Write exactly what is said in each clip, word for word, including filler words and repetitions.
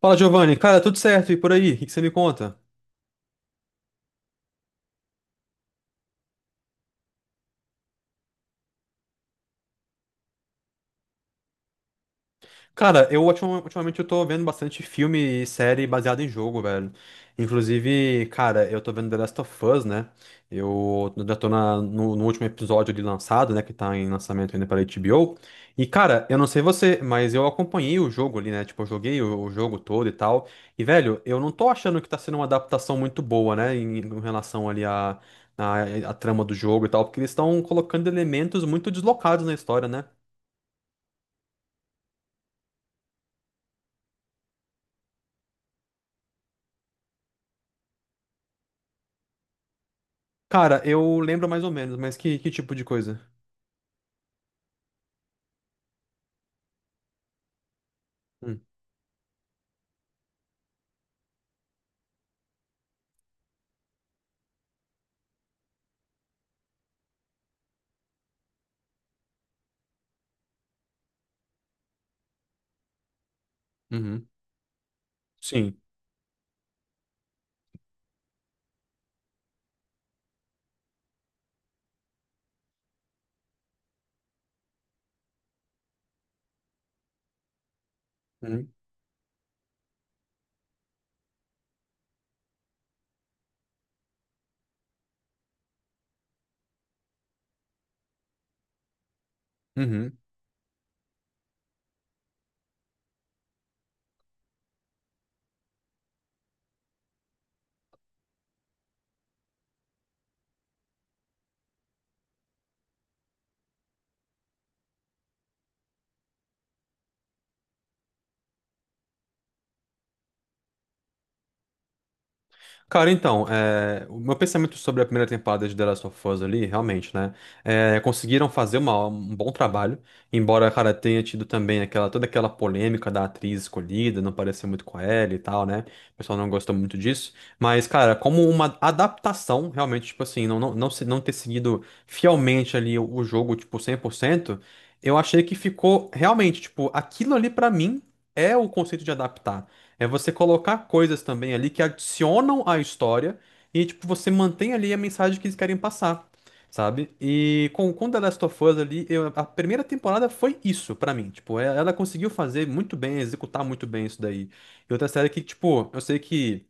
Fala, Giovanni. Cara, tudo certo e por aí? O que que você me conta? Cara, eu ultim- ultimamente eu tô vendo bastante filme e série baseado em jogo, velho. Inclusive, cara, eu tô vendo The Last of Us, né? Eu já tô na- no, no último episódio ali lançado, né? Que tá em lançamento ainda pela H B O. E, cara, eu não sei você, mas eu acompanhei o jogo ali, né? Tipo, eu joguei o, o jogo todo e tal. E, velho, eu não tô achando que tá sendo uma adaptação muito boa, né? Em, em relação ali à a, trama do jogo e tal, porque eles estão colocando elementos muito deslocados na história, né? Cara, eu lembro mais ou menos, mas que, que tipo de coisa? Hum, uhum, sim. Uhum, uhum. Cara, então, é, o meu pensamento sobre a primeira temporada de The Last of Us ali, realmente, né? É, conseguiram fazer uma- um bom trabalho, embora, cara, tenha tido também aquela, toda aquela polêmica da atriz escolhida, não parecer muito com ela e tal, né? O pessoal não gostou muito disso. Mas, cara, como uma adaptação, realmente, tipo assim, não, não, não, se- não ter seguido fielmente ali o, o jogo, tipo, cem por cento eu achei que ficou realmente, tipo, aquilo ali pra mim é o conceito de adaptar. É você colocar coisas também ali que adicionam à história e, tipo, você mantém ali a mensagem que eles querem passar, sabe? E com, com The Last of Us ali, eu- a primeira temporada foi isso pra mim. Tipo, é- ela conseguiu fazer muito bem, executar muito bem isso daí. E outra série que, tipo, eu sei que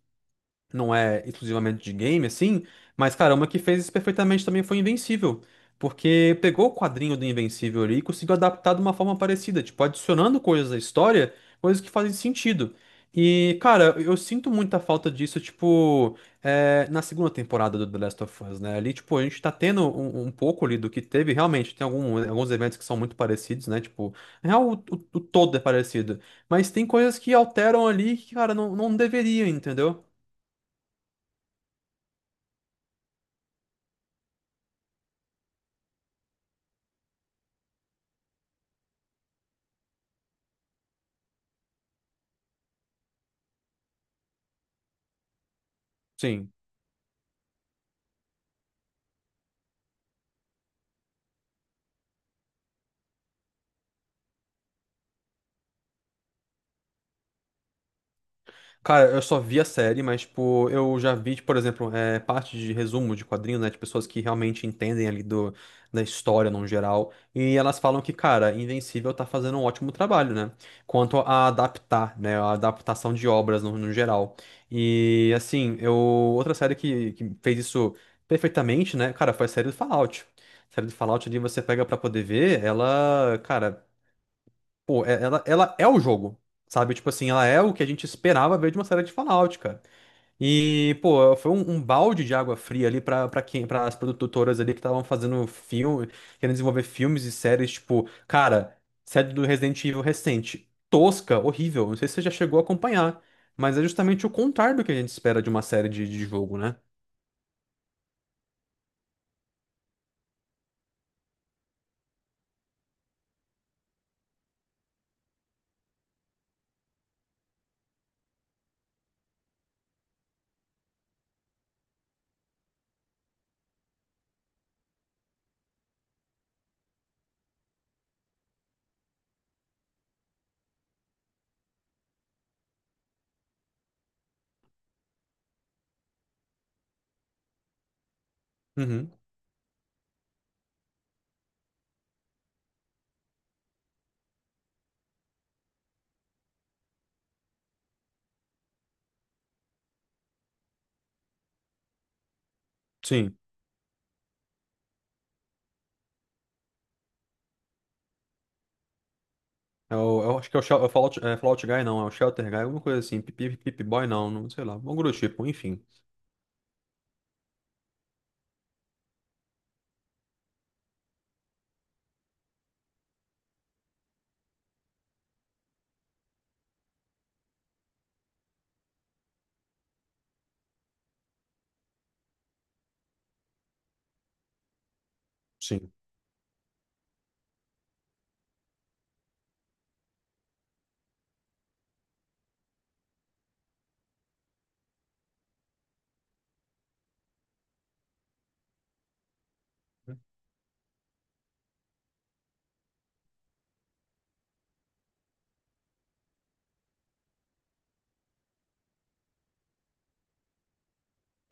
não é exclusivamente de game, assim, mas caramba, que fez isso perfeitamente também foi Invencível. Porque pegou o quadrinho do Invencível ali e conseguiu adaptar de uma forma parecida, tipo, adicionando coisas à história, coisas que fazem sentido. E, cara, eu sinto muita falta disso, tipo, é, na segunda temporada do The Last of Us, né? Ali, tipo, a gente tá tendo um, um pouco ali do que teve, realmente, tem algum- alguns eventos que são muito parecidos, né? Tipo, na real, o, o o todo é parecido. Mas tem coisas que alteram ali que, cara, não, não deveria, entendeu? Sim. Cara, eu só vi a série, mas, tipo, eu já vi, tipo, por exemplo, é, parte de resumo de quadrinhos, né, de pessoas que realmente entendem ali do, da história no geral, e elas falam que, cara, Invencível tá fazendo um ótimo trabalho, né, quanto a adaptar, né, a adaptação de obras no, no geral. E, assim, eu, outra série que, que fez isso perfeitamente, né, cara, foi a série do Fallout. A série do Fallout ali você pega pra poder ver, ela, cara. Pô, é- ela, ela é o jogo, sabe? Tipo assim, ela é o que a gente esperava ver de uma série de Fallout, cara. E, pô, foi um, um balde de água fria ali pra, pra quem, para as produtoras ali que estavam fazendo filme, querendo desenvolver filmes e séries, tipo, cara, série do Resident Evil recente, tosca, horrível. Não sei se você já chegou a acompanhar, mas é justamente o contrário do que a gente espera de uma série de, de jogo, né? Uhum, sim. É o- Eu, acho que é o, Shel- é o Fallout, é Fallout Guy, não, é o Shelter Guy, alguma coisa assim, Pip Pip- Pip Boy, não, não sei lá, algum grupo do tipo, enfim. Sim.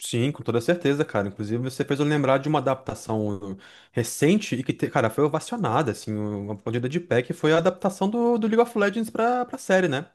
Sim, com toda certeza, cara. Inclusive, você fez eu lembrar de uma adaptação recente e que, te- cara, foi ovacionada, assim, uma aplaudida de pé, que foi a adaptação do, do League of Legends pra, pra série, né?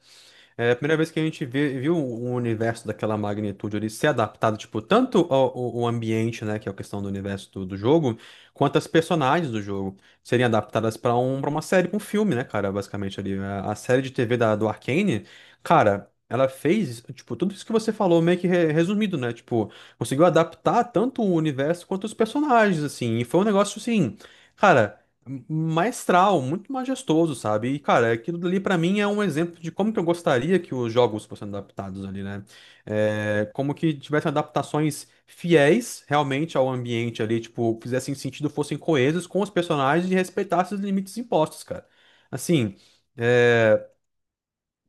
É a primeira vez que a gente vê- viu um um universo daquela magnitude ali ser adaptado, tipo, tanto ao, ao- ao ambiente, né, que é a questão do universo do, do jogo, quanto as personagens do jogo serem adaptadas para um, para uma série, pra um filme, né, cara, basicamente ali. A, a série de T V da, do Arcane, cara, ela fez, tipo, tudo isso que você falou meio que re- resumido, né, tipo, conseguiu adaptar tanto o universo quanto os personagens, assim, e foi um negócio, assim, cara maestral, muito majestoso, sabe? E, cara, aquilo dali pra mim é um exemplo de como que eu gostaria que os jogos fossem adaptados ali, né? É, como que tivessem adaptações fiéis realmente ao ambiente ali, tipo, fizessem sentido, fossem coesos com os personagens e respeitassem os limites impostos, cara. Assim. É,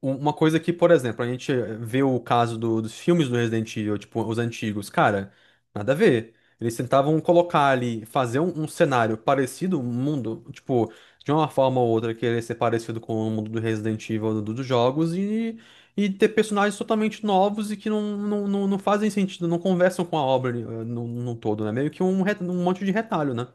um- uma coisa que, por exemplo, a gente eh, vê o caso do- dos filmes do Resident Evil, tipo, os antigos, cara, nada a ver. Eles tentavam colocar ali, fazer um, um cenário parecido, um mundo, tipo, de uma forma ou outra, querer ser parecido com o mundo do Resident Evil, do- dos jogos, e, e ter personagens totalmente novos e que não, não, não, não fazem sentido, não conversam com a obra eh, no, no todo, né? Meio que um, re- um monte de retalho, né?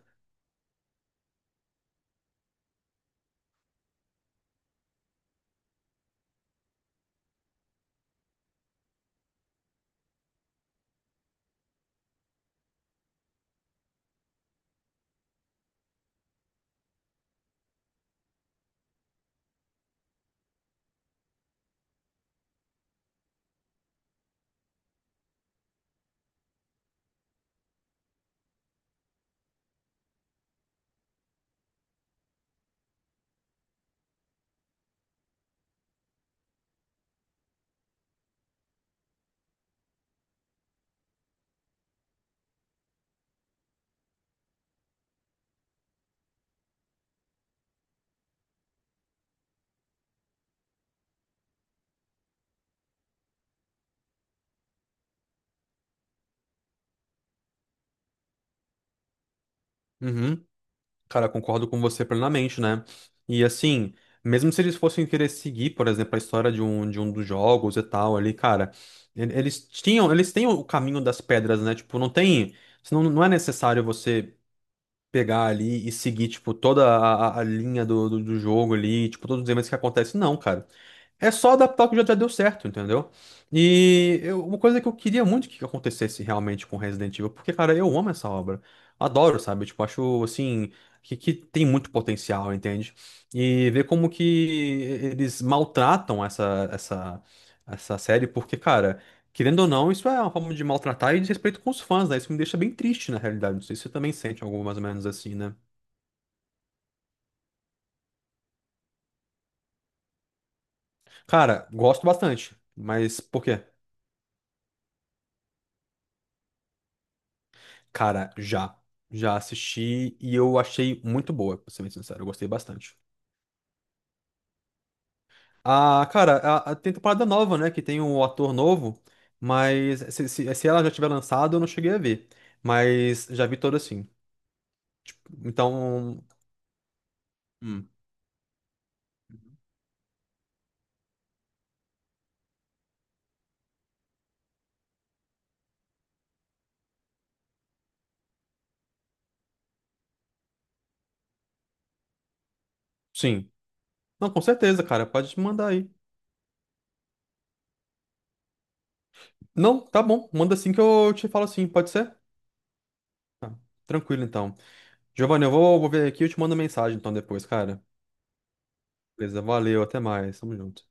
Uhum. Cara, concordo com você plenamente, né? E assim, mesmo se eles fossem querer seguir, por exemplo, a história de um, de um dos jogos e tal ali, cara, ele- eles tinham, eles têm o caminho das pedras, né? Tipo, não tem, senão não é necessário você pegar ali e seguir, tipo, toda a, a- a linha do, do, do jogo ali, tipo, todos os eventos que acontecem, não, cara. É só adaptar o que já já deu certo, entendeu? E eu- uma coisa que eu queria muito que acontecesse realmente com Resident Evil, porque, cara, eu amo essa obra. Adoro, sabe? Tipo, acho, assim, que, que tem muito potencial, entende? E ver como que eles maltratam essa, essa, essa série, porque, cara, querendo ou não, isso é uma forma de maltratar e desrespeito com os fãs, né? Isso me deixa bem triste, na realidade. Não sei se você também sente algo mais ou menos assim, né? Cara, gosto bastante, mas por quê? Cara, já. Já assisti e eu achei muito boa, pra ser bem sincero. Eu gostei bastante. Ah, cara, a, a- tem temporada nova, né? Que tem um ator novo, mas se, se, se ela já tiver lançado, eu não cheguei a ver. Mas já vi toda assim. Então, hum. Sim. Não, com certeza, cara. Pode mandar aí. Não, tá bom. Manda assim que eu te falo assim, pode ser? Tranquilo, então. Giovanni, eu vou, vou ver aqui e eu te mando mensagem então depois, cara. Beleza, valeu, até mais. Tamo junto.